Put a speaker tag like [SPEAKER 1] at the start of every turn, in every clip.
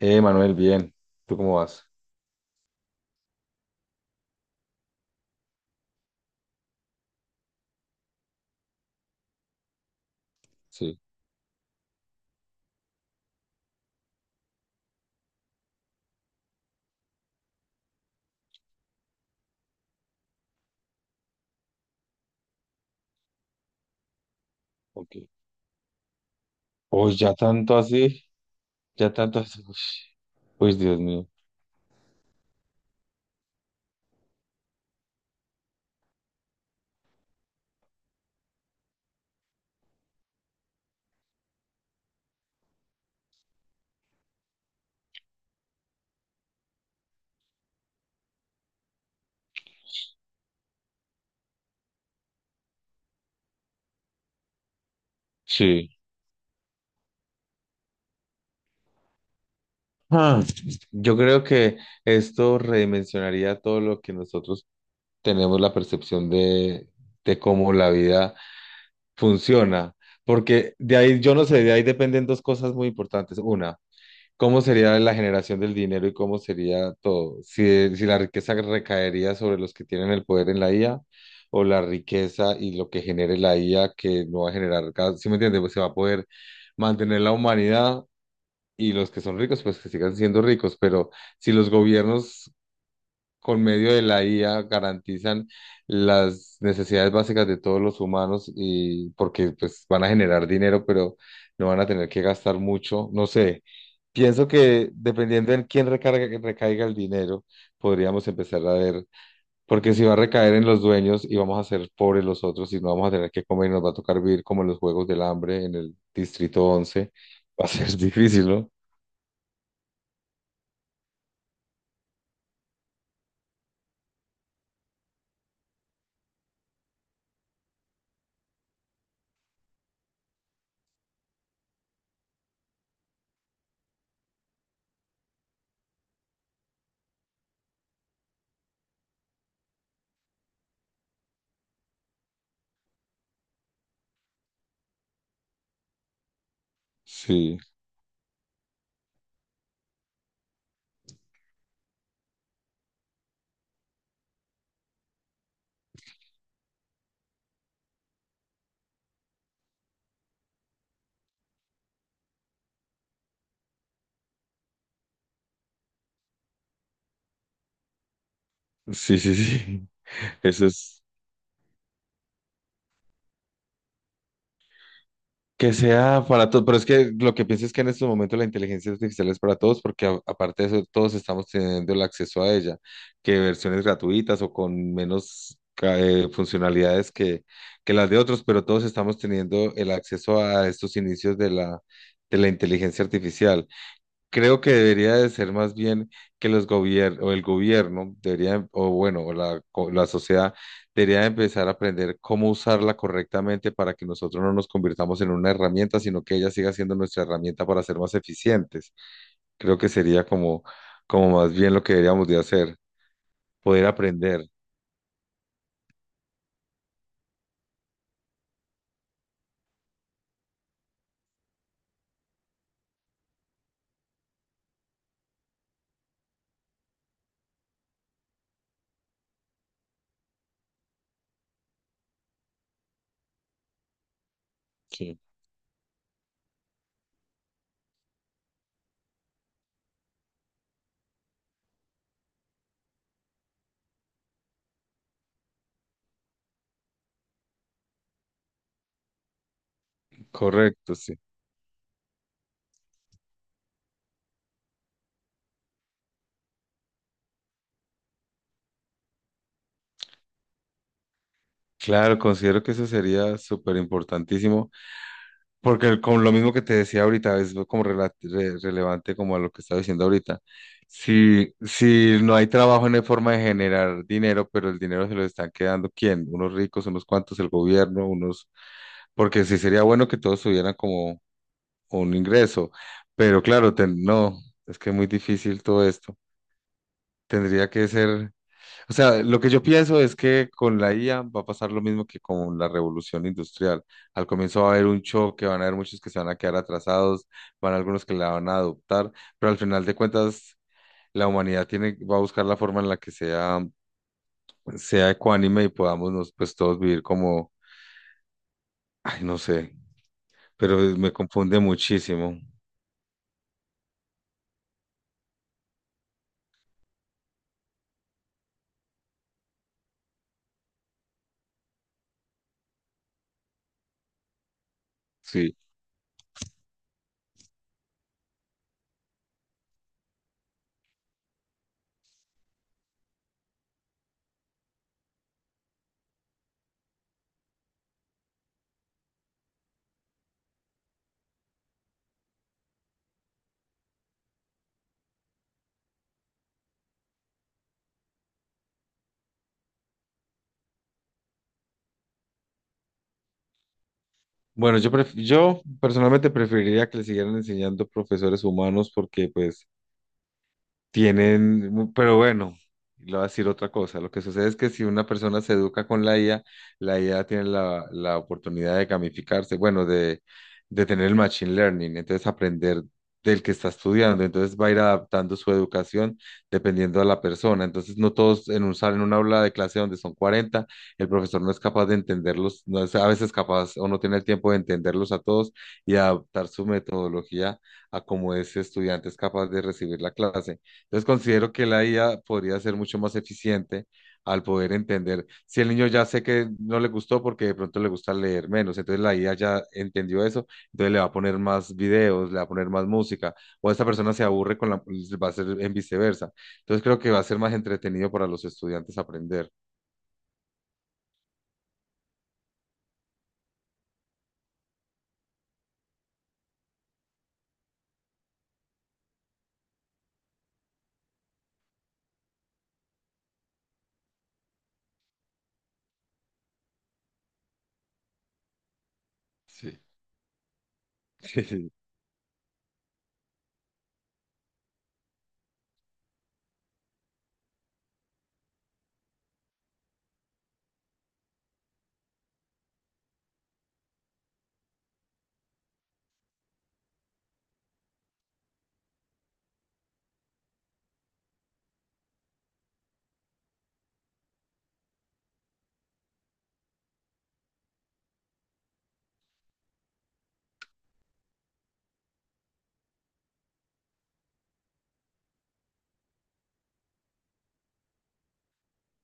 [SPEAKER 1] Manuel, bien. ¿Tú cómo vas? Sí, ok. Uy, ya tanto así, ya tanto así. Uy, uy, Dios mío. Sí. Ah, yo creo que esto redimensionaría todo lo que nosotros tenemos la percepción de cómo la vida funciona. Porque de ahí, yo no sé, de ahí dependen dos cosas muy importantes. Una, ¿cómo sería la generación del dinero y cómo sería todo? Si, si la riqueza recaería sobre los que tienen el poder en la IA o la riqueza y lo que genere la IA, que no va a generar, si, ¿sí me entiendes? Pues se va a poder mantener la humanidad y los que son ricos, pues que sigan siendo ricos, pero si los gobiernos con medio de la IA garantizan las necesidades básicas de todos los humanos y porque pues van a generar dinero, pero no van a tener que gastar mucho, no sé. Pienso que dependiendo en quién recarga, recaiga el dinero, podríamos empezar a ver, porque si va a recaer en los dueños y vamos a ser pobres los otros y no vamos a tener que comer y nos va a tocar vivir como en los Juegos del Hambre en el Distrito once, va a ser difícil, ¿no? Sí, sí, sí, sí. Eso es. Que sea para todos, pero es que lo que pienso es que en estos momentos la inteligencia artificial es para todos, porque aparte de eso, todos estamos teniendo el acceso a ella, que versiones gratuitas o con menos funcionalidades que las de otros, pero todos estamos teniendo el acceso a estos inicios de la inteligencia artificial. Creo que debería de ser más bien que los gobiernos, o el gobierno debería, o bueno, o la, la sociedad debería empezar a aprender cómo usarla correctamente para que nosotros no nos convirtamos en una herramienta, sino que ella siga siendo nuestra herramienta para ser más eficientes. Creo que sería como, como más bien lo que deberíamos de hacer, poder aprender. Correcto, sí. Claro, considero que eso sería súper importantísimo. Porque con lo mismo que te decía ahorita, es como relevante como a lo que estaba diciendo ahorita. Si, si no hay trabajo, no hay forma de generar dinero, pero el dinero se lo están quedando, ¿quién? Unos ricos, unos cuantos, el gobierno, unos... Porque sí sería bueno que todos tuvieran como un ingreso, pero claro, no, es que es muy difícil todo esto. Tendría que ser... O sea, lo que yo pienso es que con la IA va a pasar lo mismo que con la revolución industrial. Al comienzo va a haber un choque, van a haber muchos que se van a quedar atrasados, van a algunos que la van a adoptar, pero al final de cuentas la humanidad tiene, va a buscar la forma en la que sea, sea ecuánime y podamos pues todos vivir como, ay, no sé, pero me confunde muchísimo. Sí. Bueno, yo, yo personalmente preferiría que le siguieran enseñando profesores humanos porque pues tienen, pero bueno, le voy a decir otra cosa. Lo que sucede es que si una persona se educa con la IA, la IA tiene la oportunidad de gamificarse, bueno, de tener el machine learning, entonces aprender del que está estudiando, entonces va a ir adaptando su educación dependiendo de la persona. Entonces, no todos en un salón, en una aula de clase donde son 40, el profesor no es capaz de entenderlos, no es a veces capaz o no tiene el tiempo de entenderlos a todos y adaptar su metodología a cómo ese estudiante es capaz de recibir la clase. Entonces considero que la IA podría ser mucho más eficiente al poder entender. Si el niño ya sé que no le gustó porque de pronto le gusta leer menos, entonces la IA ya entendió eso, entonces le va a poner más videos, le va a poner más música, o esta persona se aburre con la, pues, va a ser en viceversa. Entonces creo que va a ser más entretenido para los estudiantes aprender. Sí.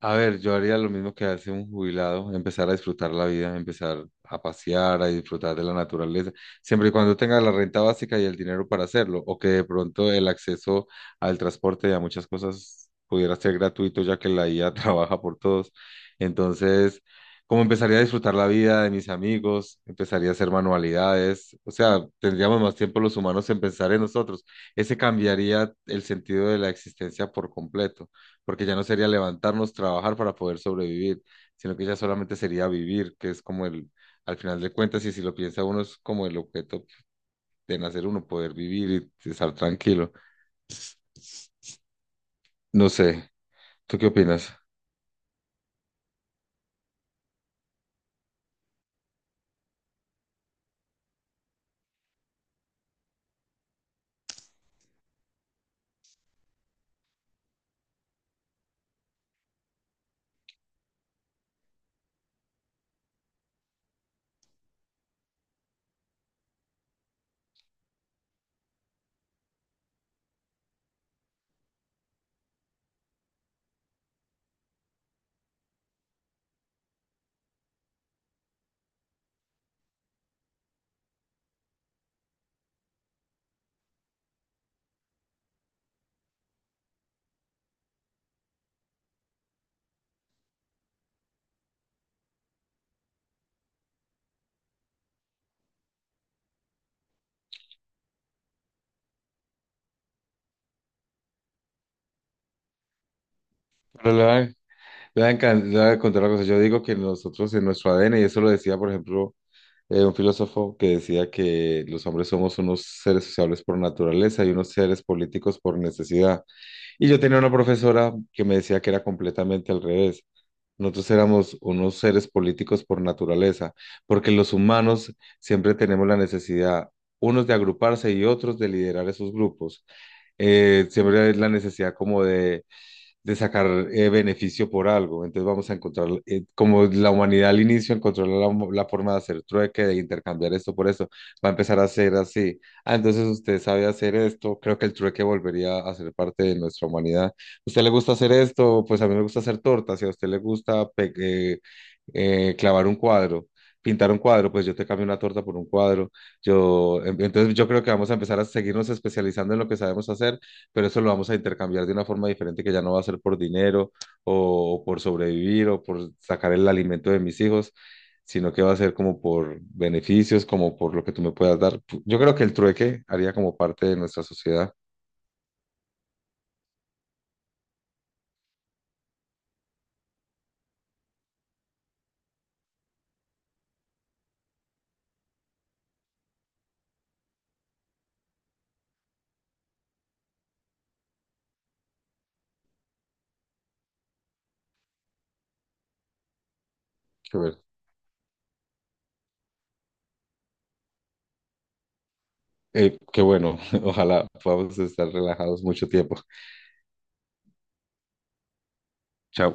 [SPEAKER 1] A ver, yo haría lo mismo que hace un jubilado, empezar a disfrutar la vida, empezar a pasear, a disfrutar de la naturaleza, siempre y cuando tenga la renta básica y el dinero para hacerlo, o que de pronto el acceso al transporte y a muchas cosas pudiera ser gratuito, ya que la IA trabaja por todos. Entonces, como empezaría a disfrutar la vida de mis amigos, empezaría a hacer manualidades, o sea, tendríamos más tiempo los humanos en pensar en nosotros. Ese cambiaría el sentido de la existencia por completo porque ya no sería levantarnos, trabajar para poder sobrevivir, sino que ya solamente sería vivir, que es como el, al final de cuentas, y si lo piensa uno, es como el objeto de nacer uno, poder vivir y estar tranquilo. No sé, ¿tú qué opinas? Pero le voy a, le voy a contar una cosa. Yo digo que nosotros en nuestro ADN, y eso lo decía, por ejemplo, un filósofo que decía que los hombres somos unos seres sociables por naturaleza y unos seres políticos por necesidad. Y yo tenía una profesora que me decía que era completamente al revés. Nosotros éramos unos seres políticos por naturaleza, porque los humanos siempre tenemos la necesidad, unos de agruparse y otros de liderar esos grupos. Siempre hay la necesidad como de sacar beneficio por algo. Entonces vamos a encontrar, como la humanidad al inicio encontró la, la forma de hacer trueque, de intercambiar esto por eso, va a empezar a ser así. Ah, entonces usted sabe hacer esto, creo que el trueque volvería a ser parte de nuestra humanidad. ¿Usted le gusta hacer esto? Pues a mí me gusta hacer tortas, si a usted le gusta clavar un cuadro. Pintar un cuadro, pues yo te cambio una torta por un cuadro. Yo, entonces yo creo que vamos a empezar a seguirnos especializando en lo que sabemos hacer pero eso lo vamos a intercambiar de una forma diferente que ya no va a ser por dinero o por sobrevivir o por sacar el alimento de mis hijos, sino que va a ser como por beneficios, como por lo que tú me puedas dar. Yo creo que el trueque haría como parte de nuestra sociedad. Qué ver- Qué bueno, ojalá podamos estar relajados mucho tiempo. Chao.